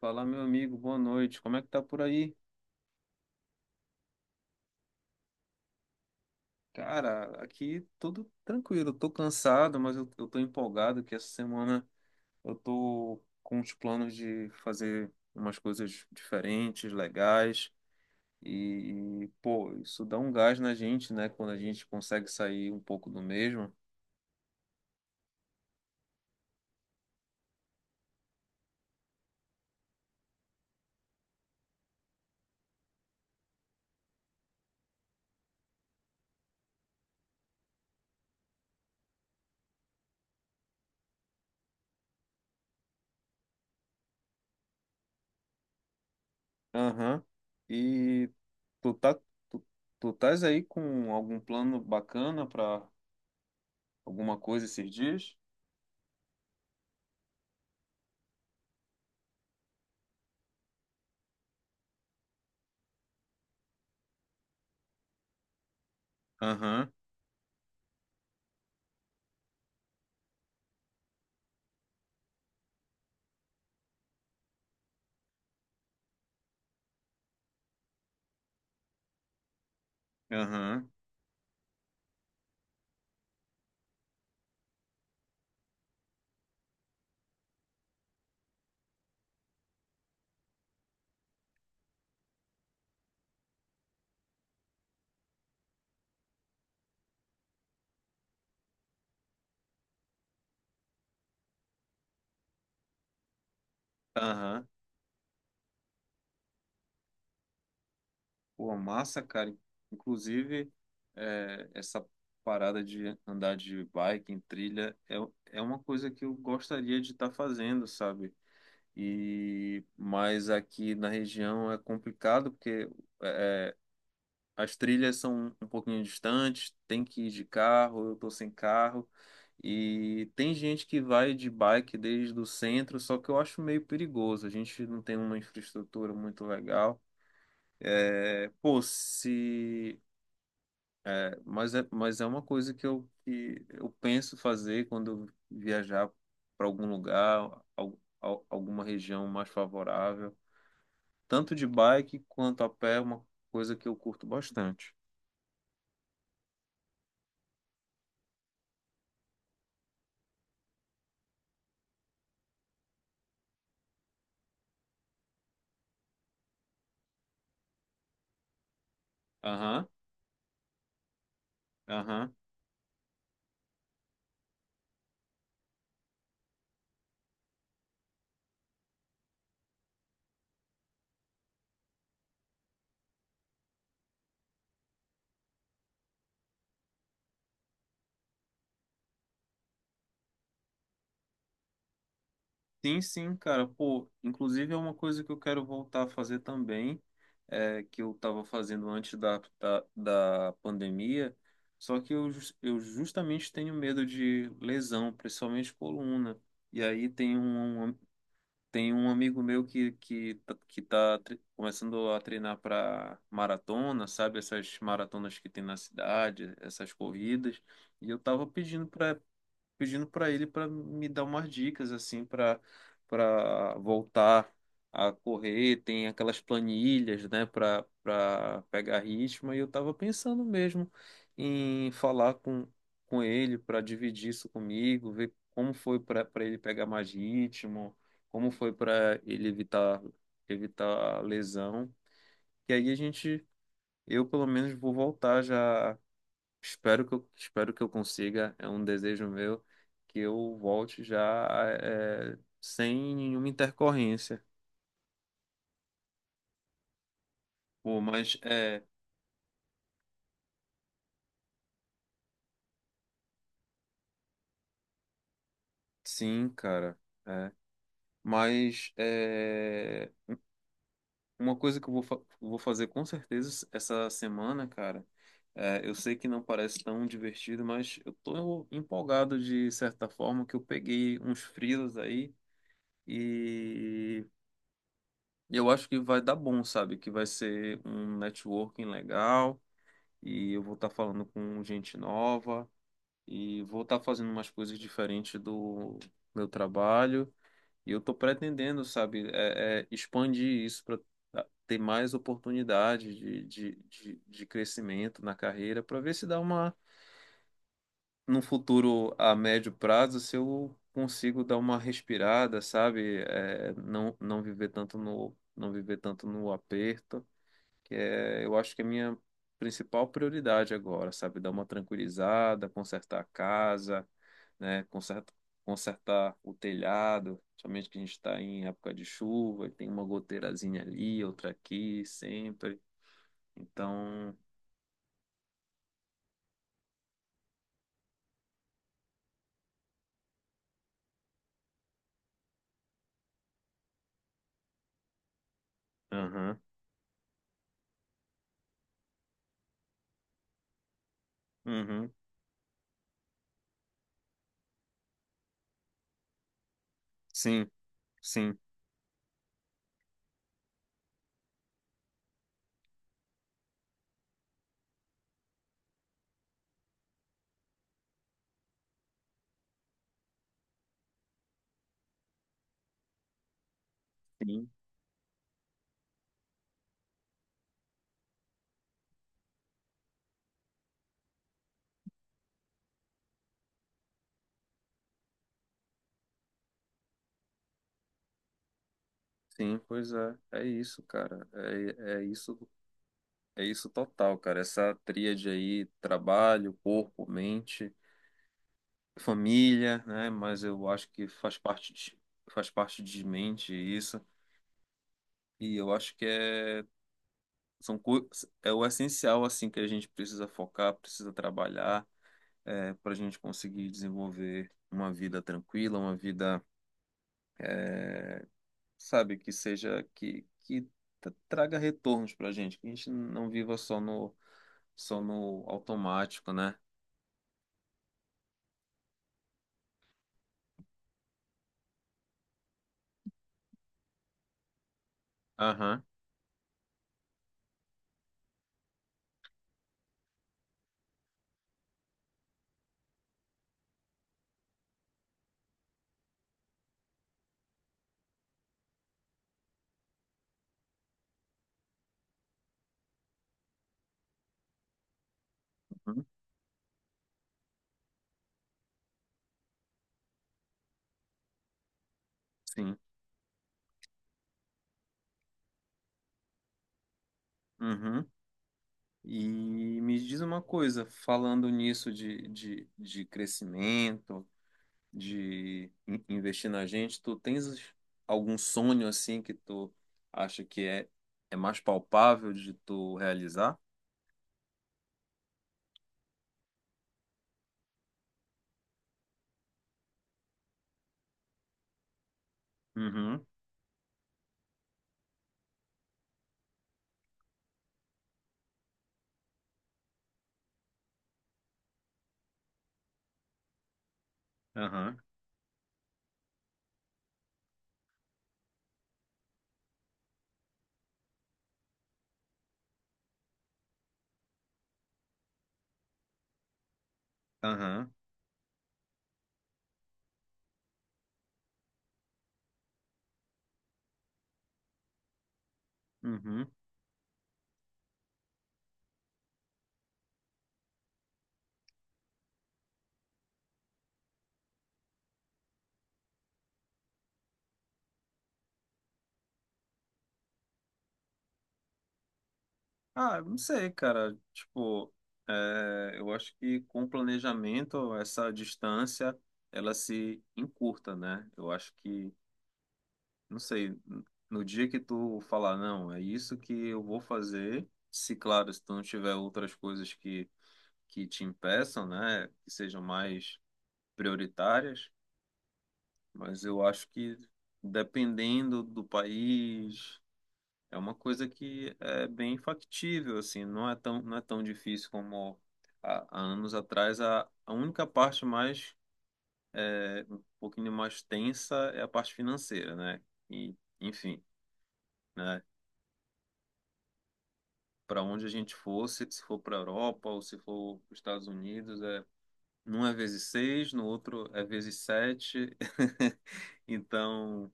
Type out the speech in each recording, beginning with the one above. Fala, meu amigo, boa noite. Como é que tá por aí? Cara, aqui tudo tranquilo. Eu tô cansado, mas eu tô empolgado que essa semana eu tô com os planos de fazer umas coisas diferentes, legais. E, pô, isso dá um gás na gente, né? Quando a gente consegue sair um pouco do mesmo. Aham. E tu tá, tu, tu estás aí com algum plano bacana pra alguma coisa esses dias? Aham, aham, aham. Pô, massa, cara. Inclusive, essa parada de andar de bike em trilha é uma coisa que eu gostaria de estar fazendo, sabe? E mas aqui na região é complicado porque é, é, as trilhas são um pouquinho distantes, tem que ir de carro, eu tô sem carro. E tem gente que vai de bike desde o centro, só que eu acho meio perigoso. A gente não tem uma infraestrutura muito legal. É, pô, se mas é uma coisa que eu penso fazer quando eu viajar para algum lugar, alguma região mais favorável. Tanto de bike quanto a pé é uma coisa que eu curto bastante. Aham, aham. Sim, sim, cara. Pô, inclusive é uma coisa que eu quero voltar a fazer também, que eu estava fazendo antes da pandemia. Só que eu justamente tenho medo de lesão, principalmente coluna. E aí tem um Tem um amigo meu que tá começando a treinar para maratona, sabe? Essas maratonas que tem na cidade, essas corridas. E eu tava pedindo para ele para me dar umas dicas assim para voltar a correr, tem aquelas planilhas, né, para pegar ritmo e eu estava pensando mesmo em falar com ele para dividir isso comigo, ver como foi para ele pegar mais ritmo, como foi para ele evitar a lesão. E aí a gente, eu pelo menos vou voltar já. Espero que eu consiga, é um desejo meu que eu volte já, sem nenhuma intercorrência. Pô, mas é, sim, cara, é. Mas é uma coisa que eu vou fazer com certeza essa semana, cara, eu sei que não parece tão divertido, mas eu tô empolgado de certa forma que eu peguei uns freelas aí e eu acho que vai dar bom, sabe? Que vai ser um networking legal. E eu vou estar falando com gente nova e vou estar fazendo umas coisas diferentes do meu trabalho. E eu estou pretendendo, sabe, expandir isso para ter mais oportunidade de crescimento na carreira, para ver se dá uma, num futuro a médio prazo, se eu consigo dar uma respirada, sabe, não, não viver tanto no aperto, que eu acho que é a minha principal prioridade agora, sabe? Dar uma tranquilizada, consertar a casa, né? Consertar o telhado, somente que a gente está em época de chuva, e tem uma goteirazinha ali, outra aqui, sempre. Então, aham, uhum, sim, sim, sim, sim, pois é, é isso, cara, é isso, é isso total, cara, essa tríade aí, trabalho, corpo, mente, família, né? Mas eu acho que faz parte de mente isso. E eu acho que é, são, co- é o essencial assim que a gente precisa focar, precisa trabalhar, para a gente conseguir desenvolver uma vida tranquila, uma vida, é, sabe, que traga retornos para a gente, que a gente não viva só no automático, né? Aham. Uhum. Sim. Uhum. E me diz uma coisa, falando nisso de crescimento, de investir na gente, tu tens algum sonho assim que tu acha que é mais palpável de tu realizar? Uhum, aham, aham, uhum. Ah, eu não sei, cara. Tipo, eu acho que com o planejamento, essa distância, ela se encurta, né? Eu acho que não sei, no dia que tu falar, não, é isso que eu vou fazer, se claro, se tu não tiver outras coisas que te impeçam, né, que sejam mais prioritárias, mas eu acho que dependendo do país, é uma coisa que é bem factível, assim, não é tão difícil como há anos atrás. A única parte mais, um pouquinho mais tensa, é a parte financeira, né, e enfim, né? Para onde a gente fosse, se for para a Europa ou se for para os Estados Unidos, num é vezes seis, no outro é vezes sete. Então,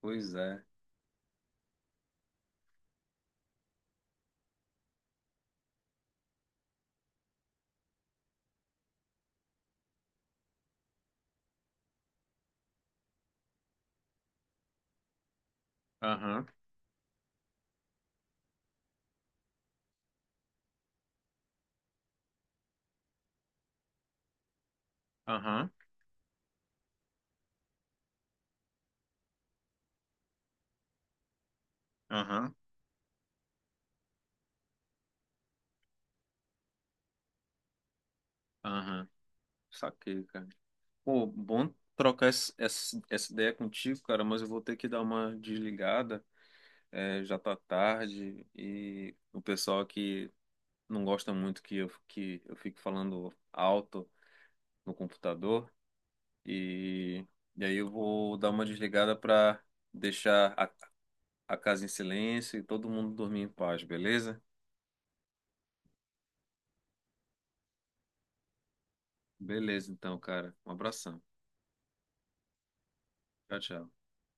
pois é. Aham, aham, aham, aham. Saquei, cara. Pô, bom trocar essa ideia contigo, cara, mas eu vou ter que dar uma desligada. É, já tá tarde e o pessoal aqui não gosta muito que eu fico falando alto no computador. E, e aí eu vou dar uma desligada para deixar a casa em silêncio e todo mundo dormir em paz, beleza? Beleza, então, cara. Um abração. Tchau, tchau.